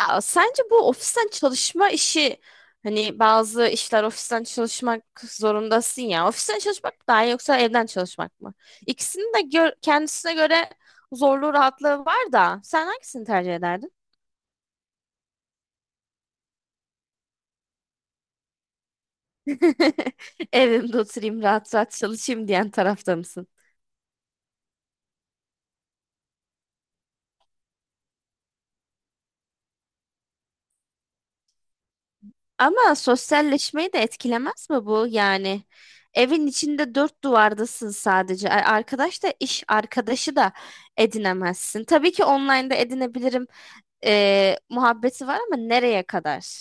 Ya sence bu ofisten çalışma işi hani bazı işler ofisten çalışmak zorundasın ya. Ofisten çalışmak mı daha iyi yoksa evden çalışmak mı? Kendisine göre zorluğu rahatlığı var da sen hangisini tercih ederdin? Evimde oturayım rahat rahat çalışayım diyen tarafta mısın? Ama sosyalleşmeyi de etkilemez mi bu? Yani evin içinde dört duvardasın sadece. Arkadaş da iş arkadaşı da edinemezsin. Tabii ki online'da edinebilirim. Muhabbeti var ama nereye kadar?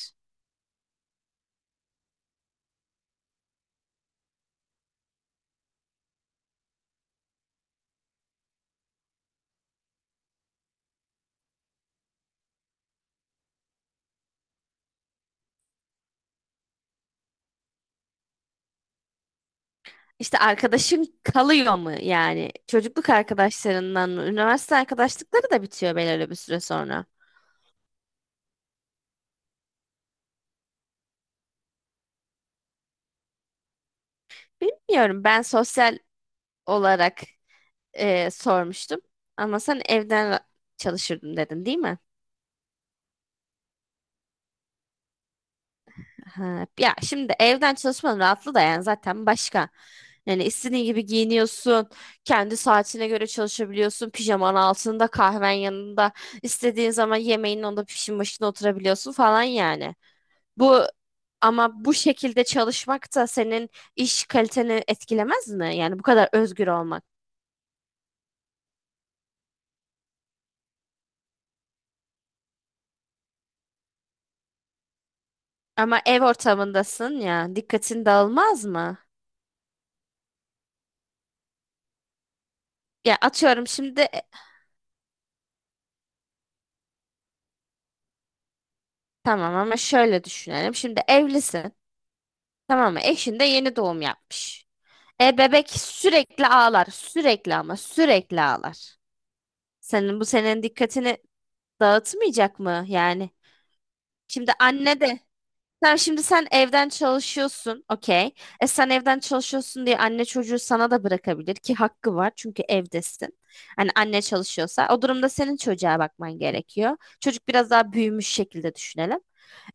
İşte arkadaşın kalıyor mu yani? Çocukluk arkadaşlarından mı? Üniversite arkadaşlıkları da bitiyor belirli bir süre sonra. Bilmiyorum. Ben sosyal olarak sormuştum. Ama sen evden çalışırdın dedin, değil mi? Ha, ya şimdi evden çalışmanın rahatlığı da yani zaten başka. Yani istediğin gibi giyiniyorsun. Kendi saatine göre çalışabiliyorsun. Pijaman altında, kahven yanında, istediğin zaman yemeğin onda pişin başına oturabiliyorsun falan yani. Bu ama bu şekilde çalışmak da senin iş kaliteni etkilemez mi? Yani bu kadar özgür olmak. Ama ev ortamındasın ya, dikkatin dağılmaz mı? Ya atıyorum şimdi tamam ama şöyle düşünelim. Şimdi evlisin. Tamam mı? Eşin de yeni doğum yapmış. E bebek sürekli ağlar. Sürekli ama sürekli ağlar. Senin dikkatini dağıtmayacak mı yani? Şimdi anne de Tamam şimdi sen evden çalışıyorsun. Okey. E sen evden çalışıyorsun diye anne çocuğu sana da bırakabilir ki hakkı var çünkü evdesin. Hani anne çalışıyorsa o durumda senin çocuğa bakman gerekiyor. Çocuk biraz daha büyümüş şekilde düşünelim.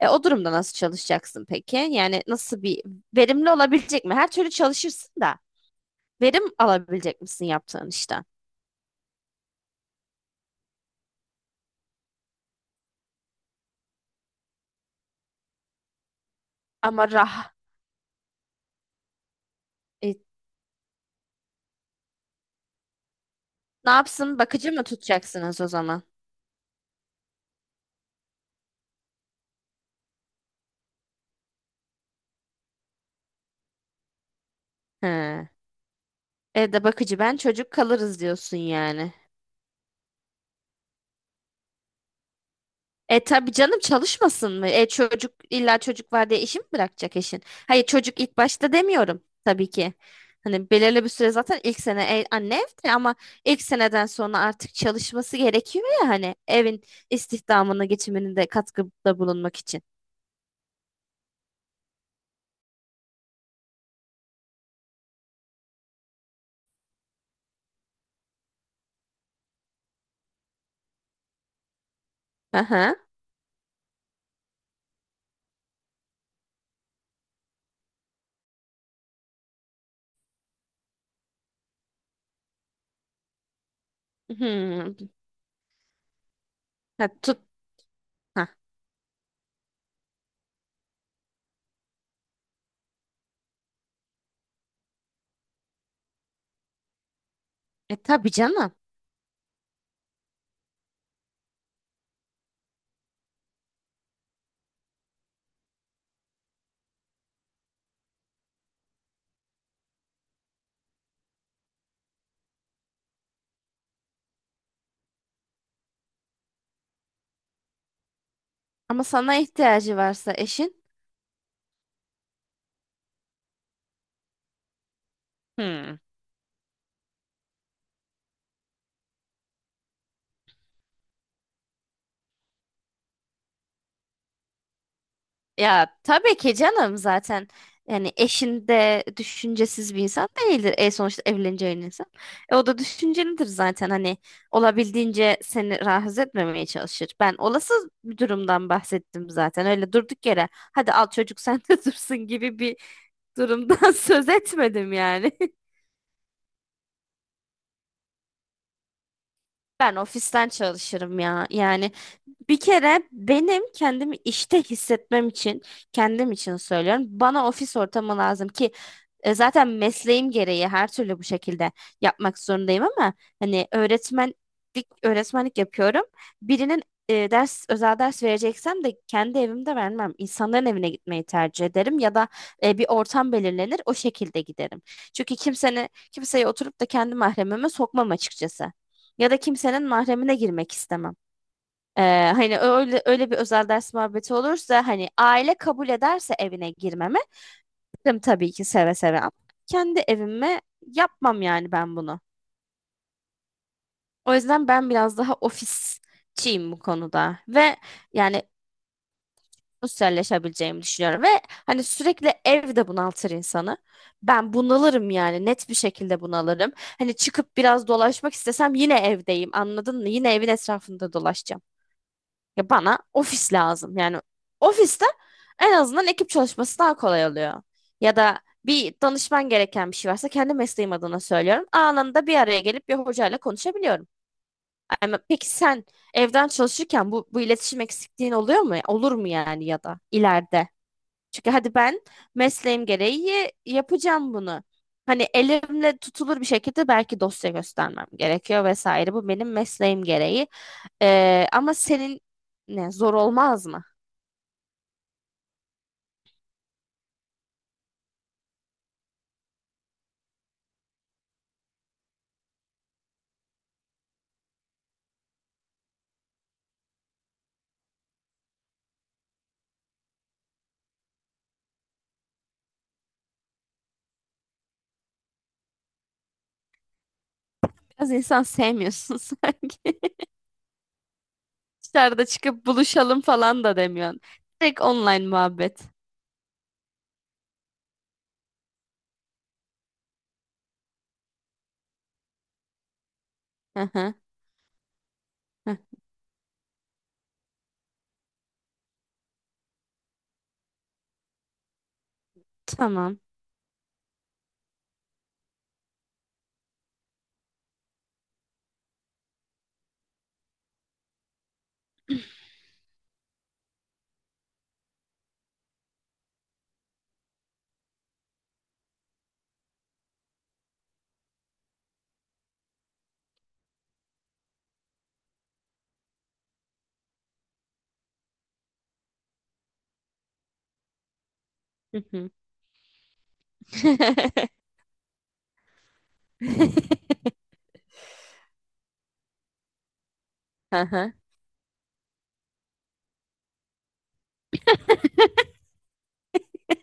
O durumda nasıl çalışacaksın peki? Yani nasıl bir Verimli olabilecek mi? Her türlü çalışırsın da verim alabilecek misin yaptığın işten? Ama rah e, Ne yapsın? Bakıcı mı tutacaksınız o zaman? He. Evde bakıcı ben çocuk kalırız diyorsun yani. E tabii canım, çalışmasın mı? E çocuk, illa çocuk var diye işi mi bırakacak eşin? Hayır, çocuk ilk başta demiyorum tabii ki. Hani belirli bir süre zaten ilk sene anne evde ama ilk seneden sonra artık çalışması gerekiyor ya, hani evin istihdamını geçimini de katkıda bulunmak için. Aha. Hmm. Ha, tut. Ha. E tabii canım. Ama sana ihtiyacı varsa eşin. Hmm. Ya tabii ki canım, zaten yani eşin de düşüncesiz bir insan değildir. E sonuçta evleneceğin insan. E, o da düşüncelidir zaten, hani olabildiğince seni rahatsız etmemeye çalışır. Ben olası bir durumdan bahsettim zaten. Öyle durduk yere hadi al çocuk sen de dursun gibi bir durumdan söz etmedim yani. Ben ofisten çalışırım ya. Yani bir kere benim kendimi işte hissetmem için, kendim için söylüyorum. Bana ofis ortamı lazım ki zaten mesleğim gereği her türlü bu şekilde yapmak zorundayım ama hani öğretmenlik yapıyorum. Birinin özel ders vereceksem de kendi evimde vermem. İnsanların evine gitmeyi tercih ederim ya da bir ortam belirlenir o şekilde giderim. Çünkü kimsenin kimseye oturup da kendi mahremime sokmam açıkçası. Ya da kimsenin mahremine girmek istemem. Ee, Hani öyle bir özel ders muhabbeti olursa, hani aile kabul ederse evine girmeme girdim tabii ki seve seve ama kendi evime yapmam yani ben bunu. O yüzden ben biraz daha ofisçiyim bu konuda ve yani sosyalleşebileceğimi düşünüyorum ve hani sürekli ev de bunaltır insanı. Ben bunalırım yani, net bir şekilde bunalırım. Hani çıkıp biraz dolaşmak istesem yine evdeyim, anladın mı? Yine evin etrafında dolaşacağım. Ya bana ofis lazım. Yani ofiste en azından ekip çalışması daha kolay oluyor. Ya da bir danışman gereken bir şey varsa, kendi mesleğim adına söylüyorum, anında bir araya gelip bir hocayla konuşabiliyorum. Ama peki sen evden çalışırken bu iletişim eksikliğin oluyor mu? Olur mu yani, ya da ileride? Çünkü hadi ben mesleğim gereği yapacağım bunu. Hani elimle tutulur bir şekilde belki dosya göstermem gerekiyor vesaire. Bu benim mesleğim gereği. Ama senin ne, zor olmaz mı? Biraz insan sevmiyorsun sanki. Dışarıda çıkıp buluşalım falan da demiyorsun. Direkt online muhabbet. Hı hı. Hı. Tamam. Hı hı. Aha.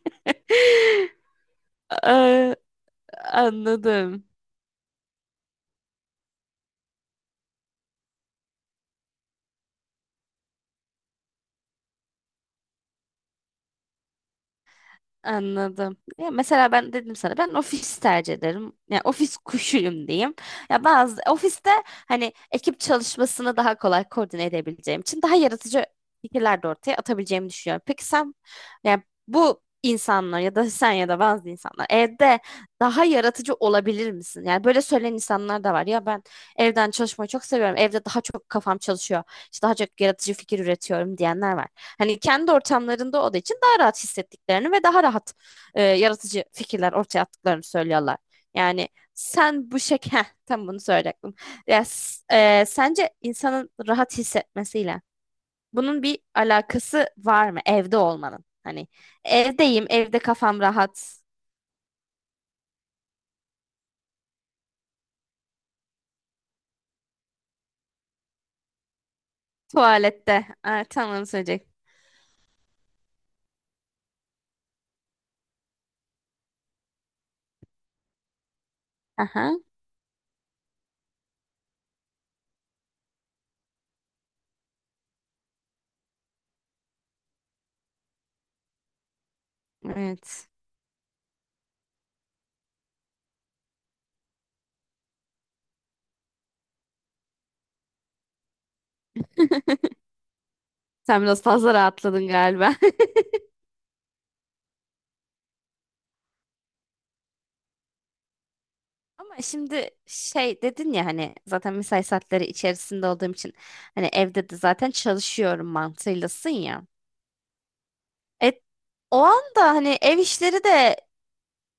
Aa. Anladım. Anladım. Ya mesela ben dedim sana, ben ofis tercih ederim. Yani ofis kuşuyum diyeyim. Ya bazı ofiste hani ekip çalışmasını daha kolay koordine edebileceğim için daha yaratıcı fikirler de ortaya atabileceğimi düşünüyorum. Peki sen, yani bu insanlar ya da sen ya da bazı insanlar evde daha yaratıcı olabilir misin? Yani böyle söyleyen insanlar da var. Ya ben evden çalışmayı çok seviyorum. Evde daha çok kafam çalışıyor, işte daha çok yaratıcı fikir üretiyorum diyenler var. Hani kendi ortamlarında olduğu için daha rahat hissettiklerini ve daha rahat yaratıcı fikirler ortaya attıklarını söylüyorlar. Yani sen bu şek Heh, tam bunu söyleyecektim. Ya, s- Sence insanın rahat hissetmesiyle bunun bir alakası var mı evde olmanın? Hani evdeyim, evde kafam rahat, tuvalette. Aa, tam onu söyleyecek. Aha, evet. Sen biraz fazla rahatladın galiba. Ama şimdi şey dedin ya, hani zaten mesai saatleri içerisinde olduğum için hani evde de zaten çalışıyorum mantığıylasın ya. E, O anda hani ev işleri de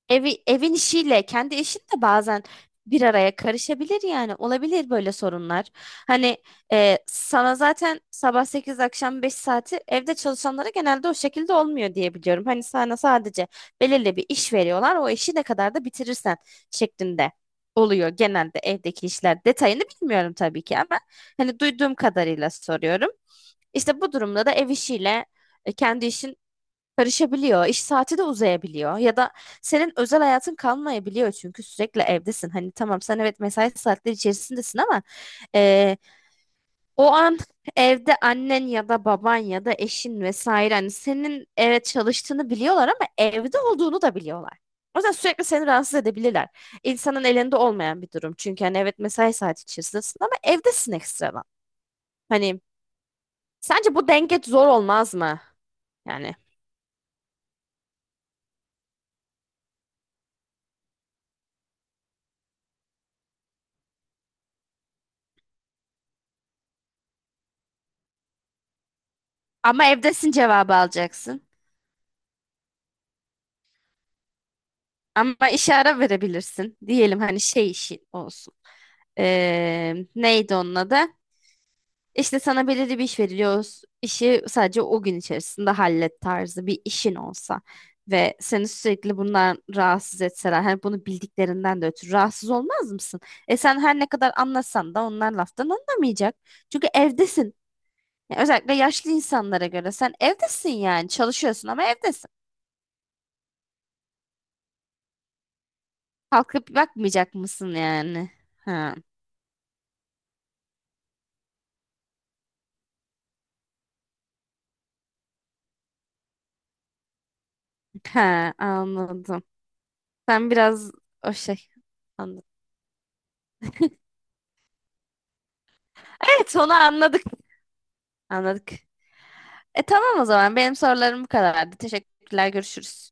Evin işiyle kendi işin de bazen bir araya karışabilir yani, olabilir böyle sorunlar. Hani sana zaten sabah 8 akşam 5 saati evde çalışanlara genelde o şekilde olmuyor diye biliyorum. Hani sana sadece belirli bir iş veriyorlar, o işi ne kadar da bitirirsen şeklinde oluyor genelde evdeki işler. Detayını bilmiyorum tabii ki ama hani duyduğum kadarıyla soruyorum. İşte bu durumda da ev işiyle kendi işin karışabiliyor. İş saati de uzayabiliyor. Ya da senin özel hayatın kalmayabiliyor çünkü sürekli evdesin. Hani tamam sen evet mesai saatleri içerisindesin ama eee, o an evde annen ya da baban ya da eşin vesaire, hani senin evet çalıştığını biliyorlar ama evde olduğunu da biliyorlar. O yüzden sürekli seni rahatsız edebilirler. İnsanın elinde olmayan bir durum. Çünkü hani evet mesai saati içerisindesin ama evdesin ekstradan. Hani sence bu denge zor olmaz mı? Yani ama evdesin cevabı alacaksın. Ama işe ara verebilirsin. Diyelim hani şey işi olsun. Neydi onun adı? İşte sana belirli bir iş veriliyor. İşi sadece o gün içerisinde hallet tarzı bir işin olsa ve seni sürekli bundan rahatsız etseler, hani bunu bildiklerinden de ötürü rahatsız olmaz mısın? E sen her ne kadar anlasan da onlar laftan anlamayacak. Çünkü evdesin. Yani özellikle yaşlı insanlara göre sen evdesin, yani çalışıyorsun ama evdesin. Kalkıp bakmayacak mısın yani? Ha, ha, anladım. Sen biraz o şey anladım. Evet, onu anladık. Anladık. E tamam, o zaman benim sorularım bu kadardı. Teşekkürler, görüşürüz.